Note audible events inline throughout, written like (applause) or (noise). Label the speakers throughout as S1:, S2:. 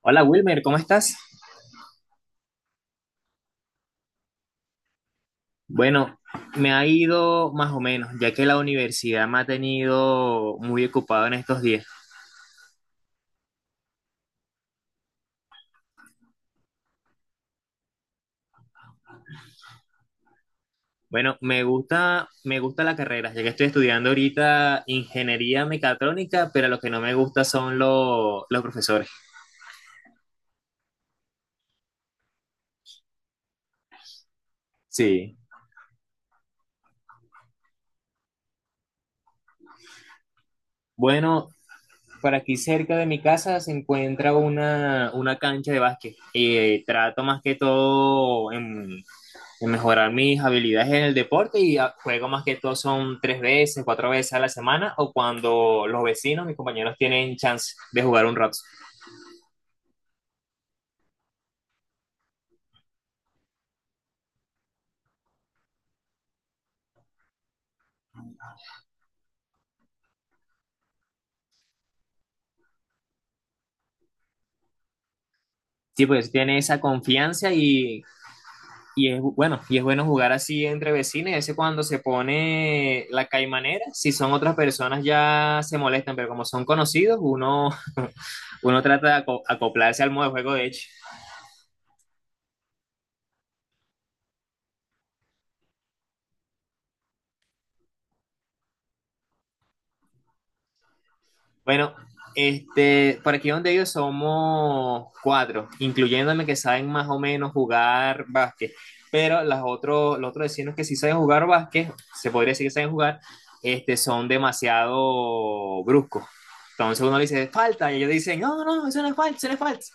S1: Hola Wilmer, ¿cómo estás? Bueno, me ha ido más o menos, ya que la universidad me ha tenido muy ocupado en estos días. Bueno, me gusta la carrera, ya que estoy estudiando ahorita ingeniería mecatrónica, pero lo que no me gusta son los profesores. Sí. Bueno, por aquí cerca de mi casa se encuentra una cancha de básquet y trato más que todo en mejorar mis habilidades en el deporte y juego más que todo son tres veces, cuatro veces a la semana o cuando los vecinos, mis compañeros tienen chance de jugar un rato. Sí, pues tiene esa confianza y es bueno jugar así entre vecinos. Y a veces cuando se pone la caimanera, si son otras personas ya se molestan, pero como son conocidos, uno, uno trata de acoplarse al modo de juego de hecho. Bueno, por aquí donde yo somos cuatro, incluyéndome, que saben más o menos jugar básquet, pero las otros, los otros vecinos que sí saben jugar básquet, se podría decir que saben jugar, son demasiado bruscos. Entonces uno le dice, falta, y ellos dicen, no, no, no, eso no es falta, eso no es falta.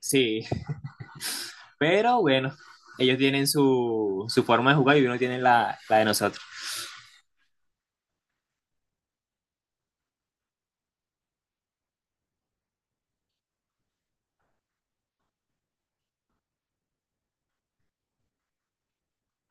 S1: Sí, pero bueno, ellos tienen su forma de jugar y uno tiene la de nosotros.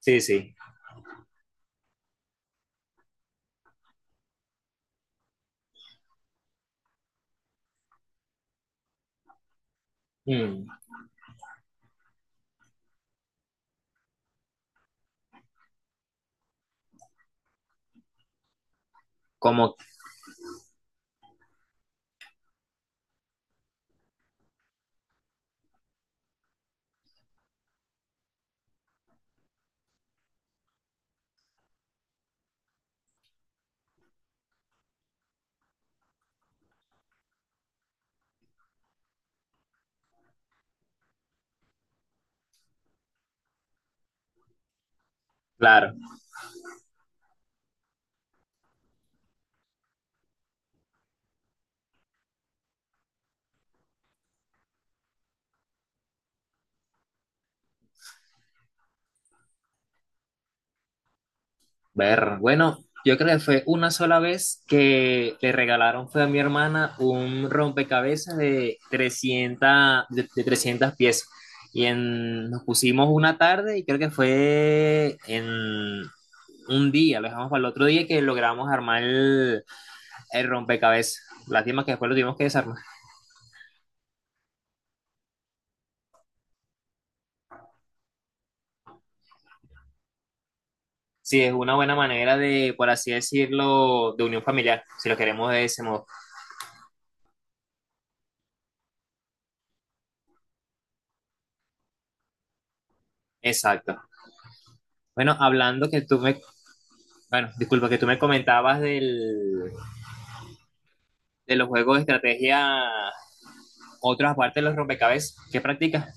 S1: Sí, sí. Mm, como, claro. Ver, bueno, yo creo que fue una sola vez que le regalaron, fue a mi hermana, un rompecabezas de 300, de 300 piezas. Nos pusimos una tarde y creo que fue en un día, lo dejamos para el otro día que logramos armar el rompecabezas. Lástima que después lo tuvimos que desarmar. Sí, es una buena manera de, por así decirlo, de unión familiar, si lo queremos de ese modo. Exacto. Bueno, hablando que tú me Bueno, disculpa que tú me comentabas de los juegos de estrategia, otras aparte de los rompecabezas. ¿Qué practicas?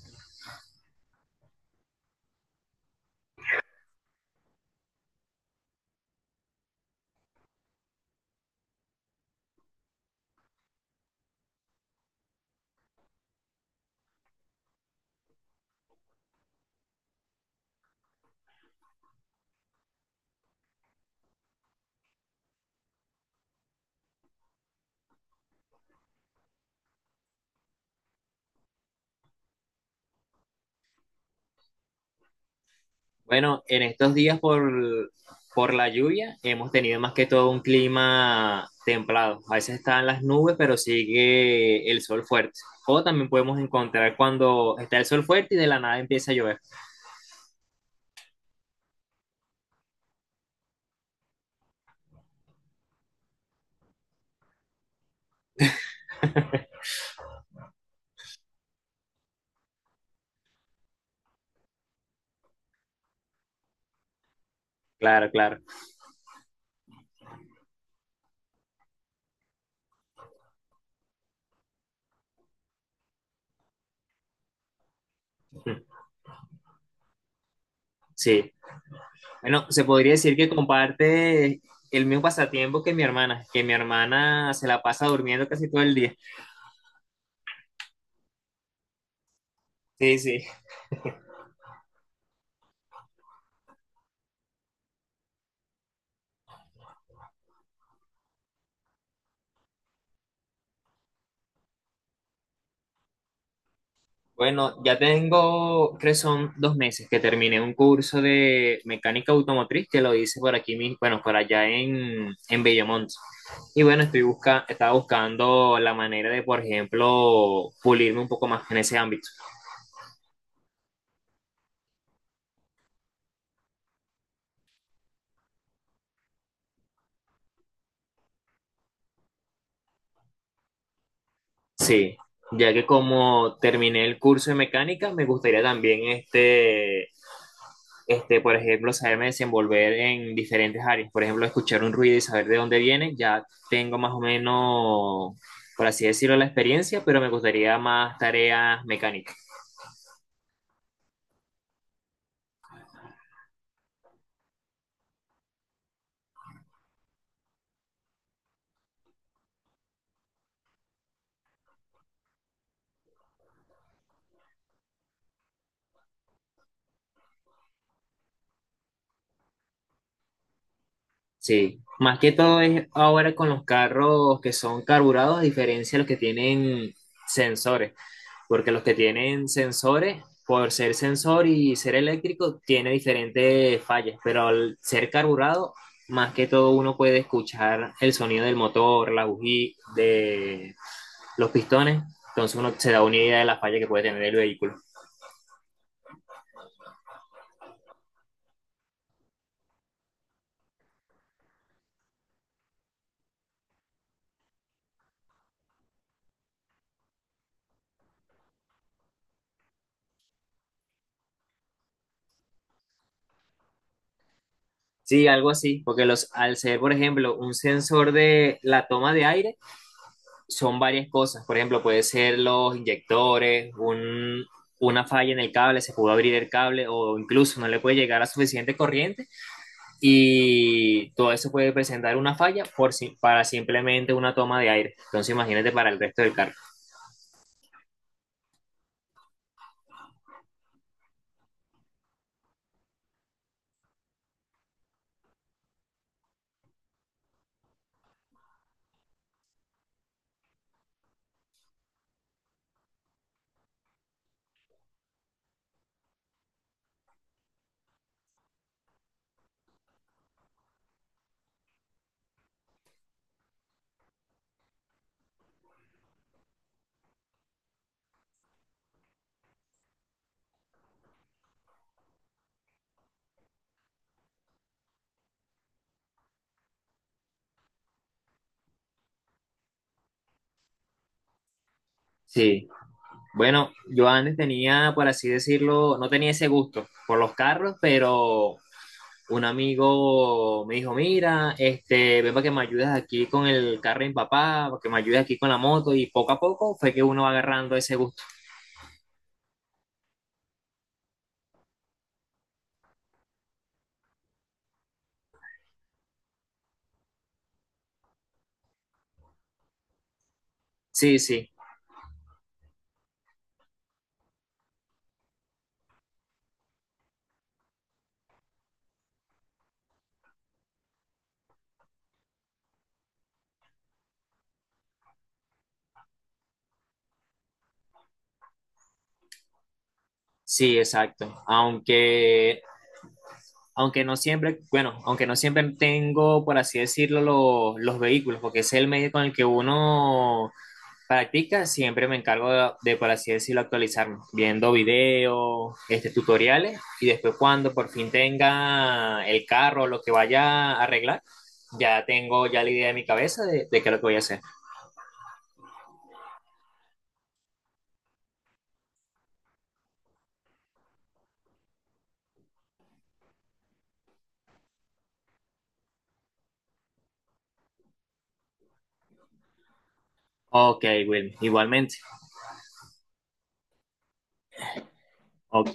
S1: Bueno, en estos por la lluvia hemos tenido más que todo un clima templado. A veces están las nubes, pero sigue el sol fuerte. O también podemos encontrar cuando está el sol fuerte y de la nada empieza a llover. Claro, claro. (laughs) Sí. Bueno, se podría decir que comparte el mismo pasatiempo que mi hermana se la pasa durmiendo casi todo el día. Sí, sí. Bueno, ya tengo, creo que son dos meses que terminé un curso de mecánica automotriz que lo hice por aquí mismo, bueno, por allá en Bellomonte. Y bueno, estaba buscando la manera de, por ejemplo, pulirme un poco más en ese ámbito. Sí, ya que como terminé el curso de mecánica, me gustaría también por ejemplo, saberme desenvolver en diferentes áreas. Por ejemplo, escuchar un ruido y saber de dónde viene, ya tengo más o menos, por así decirlo, la experiencia, pero me gustaría más tareas mecánicas. Sí, más que todo es ahora con los carros que son carburados, a diferencia de los que tienen sensores. Porque los que tienen sensores, por ser sensor y ser eléctrico, tiene diferentes fallas, pero al ser carburado, más que todo uno puede escuchar el sonido del motor, la bujía, de los pistones, entonces uno se da una idea de la falla que puede tener el vehículo. Sí, algo así, porque los, al ser, por ejemplo, un sensor de la toma de aire, son varias cosas. Por ejemplo, puede ser los inyectores, un, una falla en el cable, se pudo abrir el cable o incluso no le puede llegar a suficiente corriente y todo eso puede presentar una falla por, para simplemente una toma de aire. Entonces imagínate para el resto del carro. Sí. Bueno, yo antes tenía, por así decirlo, no tenía ese gusto por los carros, pero un amigo me dijo, mira, este, ven para que me ayudes aquí con el carro de mi papá, para que me ayudes aquí con la moto, y poco a poco fue que uno va agarrando ese gusto. Sí, sí, sí, exacto. Aunque no siempre, bueno, aunque no siempre tengo, por así decirlo, los vehículos, porque ese es el medio con el que uno practica, siempre me encargo por así decirlo, actualizarme, viendo videos, este, tutoriales, y después cuando por fin tenga el carro, lo que vaya a arreglar, ya tengo la idea en mi cabeza de qué es lo que voy a hacer. Ok, Will, igualmente. Ok.